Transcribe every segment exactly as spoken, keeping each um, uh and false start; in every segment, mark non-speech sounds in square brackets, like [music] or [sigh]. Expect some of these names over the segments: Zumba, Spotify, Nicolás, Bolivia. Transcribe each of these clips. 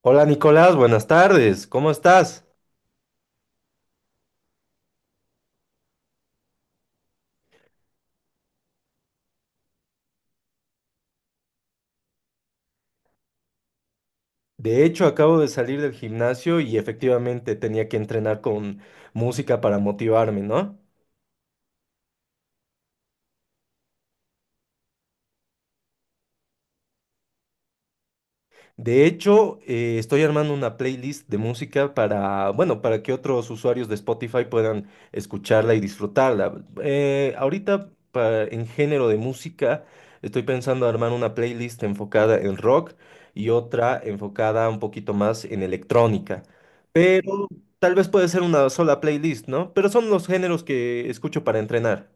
Hola Nicolás, buenas tardes, ¿cómo estás? De hecho, acabo de salir del gimnasio y efectivamente tenía que entrenar con música para motivarme, ¿no? De hecho, eh, estoy armando una playlist de música para, bueno, para que otros usuarios de Spotify puedan escucharla y disfrutarla. Eh, ahorita, pa- en género de música, estoy pensando armar una playlist enfocada en rock y otra enfocada un poquito más en electrónica. Pero tal vez puede ser una sola playlist, ¿no? Pero son los géneros que escucho para entrenar.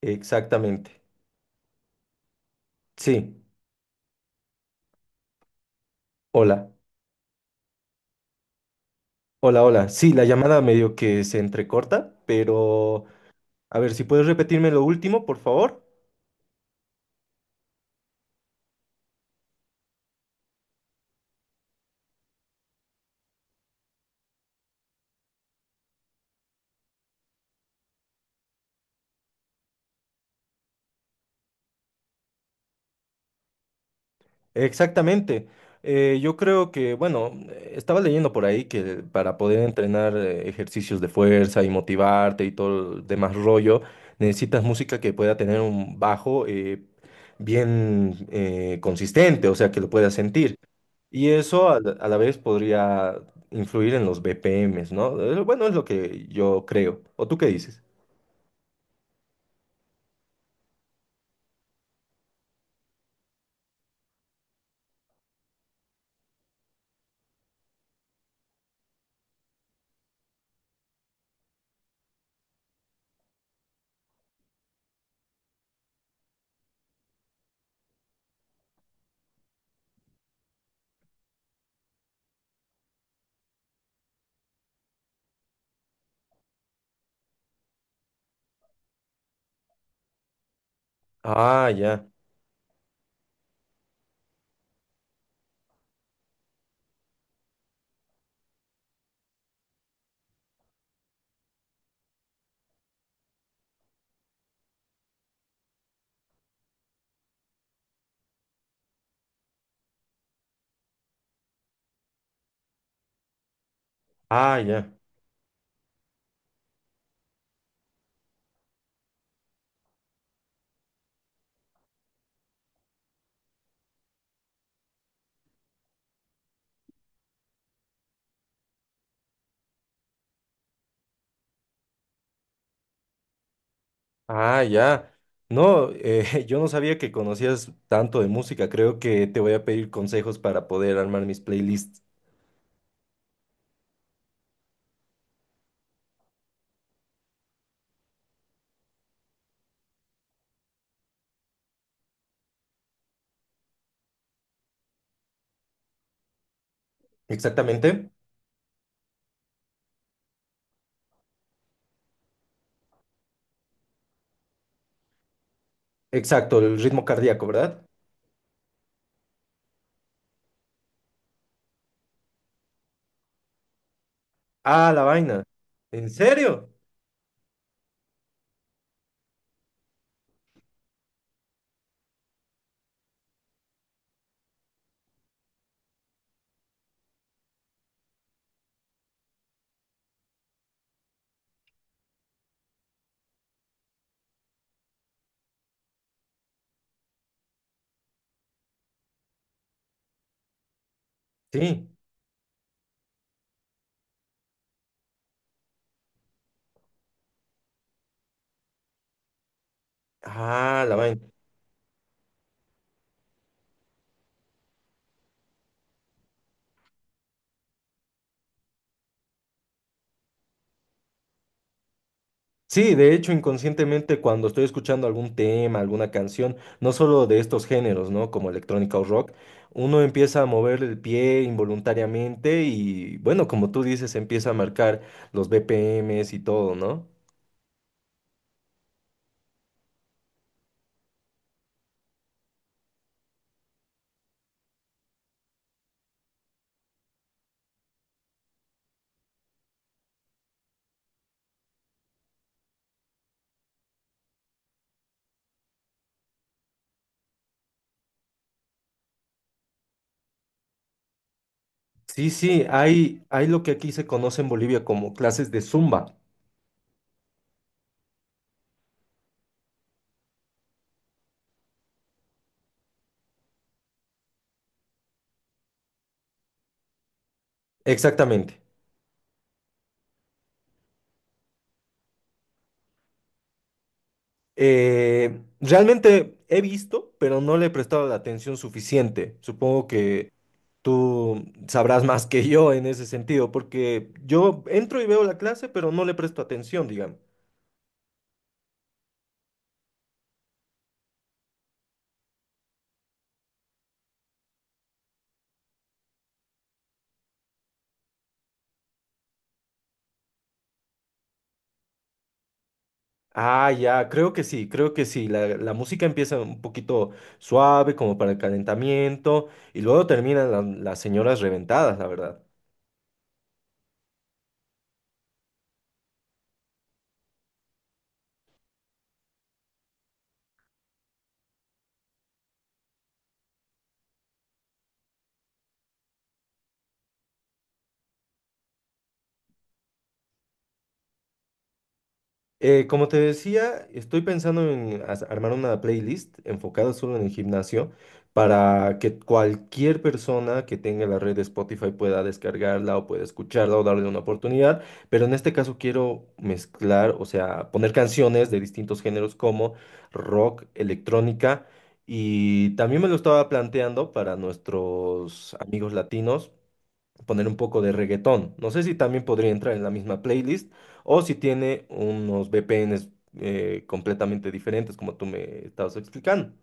Exactamente. Sí. Hola. Hola, hola. Sí, la llamada medio que se entrecorta, pero a ver, si puedes repetirme lo último, por favor. Exactamente. Eh, yo creo que, bueno, eh, estaba leyendo por ahí que para poder entrenar eh, ejercicios de fuerza y motivarte y todo el demás rollo, necesitas música que pueda tener un bajo eh, bien eh, consistente, o sea, que lo puedas sentir. Y eso a la, a la vez podría influir en los B P Ms, ¿no? Eh, Bueno, es lo que yo creo. ¿O tú qué dices? Ah, ya. Ah, ya. Ah, ya. No, eh, [laughs] yo no sabía que conocías tanto de música. Creo que te voy a pedir consejos para poder armar mis playlists. Exactamente. Exacto, el ritmo cardíaco, ¿verdad? Ah, la vaina. ¿En serio? Sí. Ah, la vaina. Sí, de hecho, inconscientemente cuando estoy escuchando algún tema, alguna canción, no solo de estos géneros, ¿no? Como electrónica o rock, uno empieza a mover el pie involuntariamente y, bueno, como tú dices, empieza a marcar los B P Ms y todo, ¿no? Sí, sí, hay, hay lo que aquí se conoce en Bolivia como clases de Zumba. Exactamente. Eh, realmente he visto, pero no le he prestado la atención suficiente. Supongo que tú sabrás más que yo en ese sentido, porque yo entro y veo la clase, pero no le presto atención, digamos. Ah, ya, creo que sí, creo que sí. La, la música empieza un poquito suave, como para el calentamiento, y luego terminan la- las señoras reventadas, la verdad. Eh, como te decía, estoy pensando en as- armar una playlist enfocada solo en el gimnasio para que cualquier persona que tenga la red de Spotify pueda descargarla o pueda escucharla o darle una oportunidad. Pero en este caso quiero mezclar, o sea, poner canciones de distintos géneros como rock, electrónica y también me lo estaba planteando para nuestros amigos latinos poner un poco de reggaetón. No sé si también podría entrar en la misma playlist o si tiene unos V P Ns eh, completamente diferentes, como tú me estabas explicando,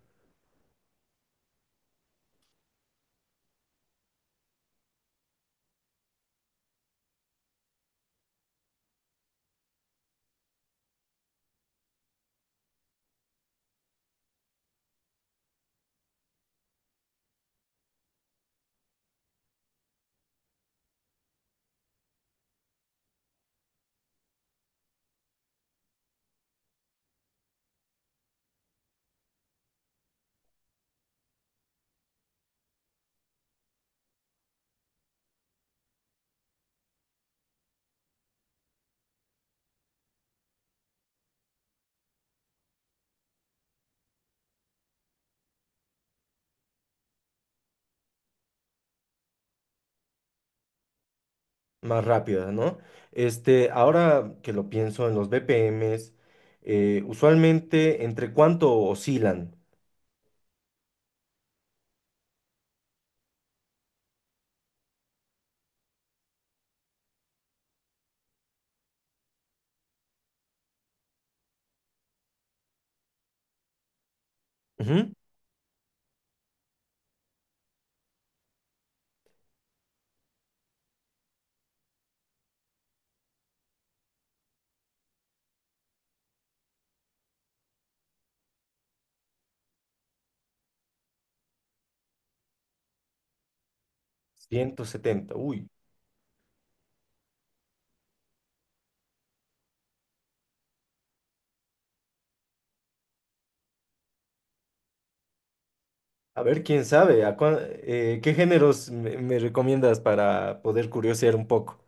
más rápidas, ¿no? Este, ahora que lo pienso en los B P Ms, eh, usualmente, ¿entre cuánto oscilan? Ujú, ciento setenta, uy. A ver, quién sabe, ¿a cuán- eh, ¿qué géneros me, me recomiendas para poder curiosear un poco?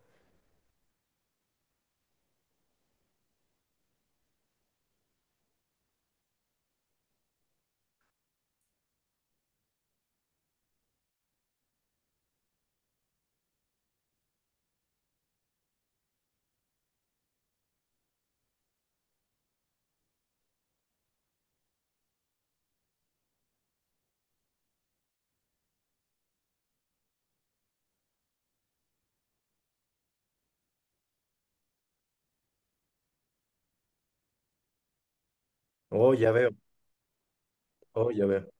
Oh, ya veo, oh, ya veo.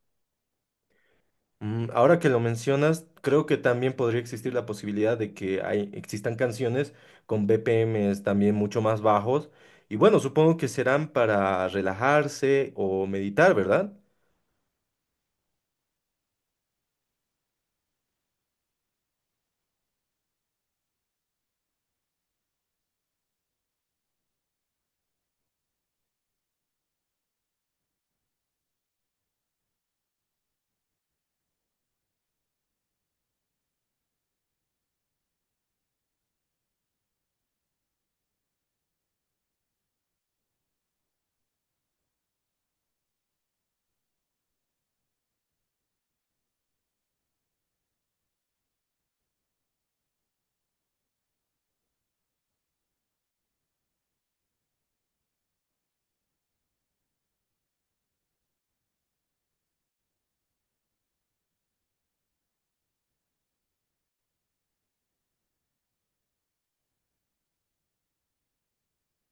Mm, ahora que lo mencionas, creo que también podría existir la posibilidad de que hay- existan canciones con B P Ms también mucho más bajos. Y bueno, supongo que serán para relajarse o meditar, ¿verdad?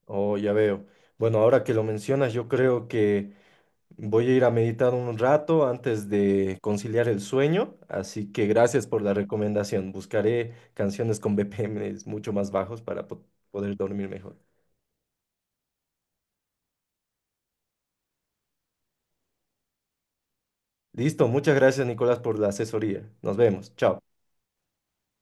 Oh, ya veo. Bueno, ahora que lo mencionas, yo creo que voy a ir a meditar un rato antes de conciliar el sueño. Así que gracias por la recomendación. Buscaré canciones con B P Ms mucho más bajos para po- poder dormir mejor. Listo, muchas gracias Nicolás por la asesoría. Nos vemos, chao.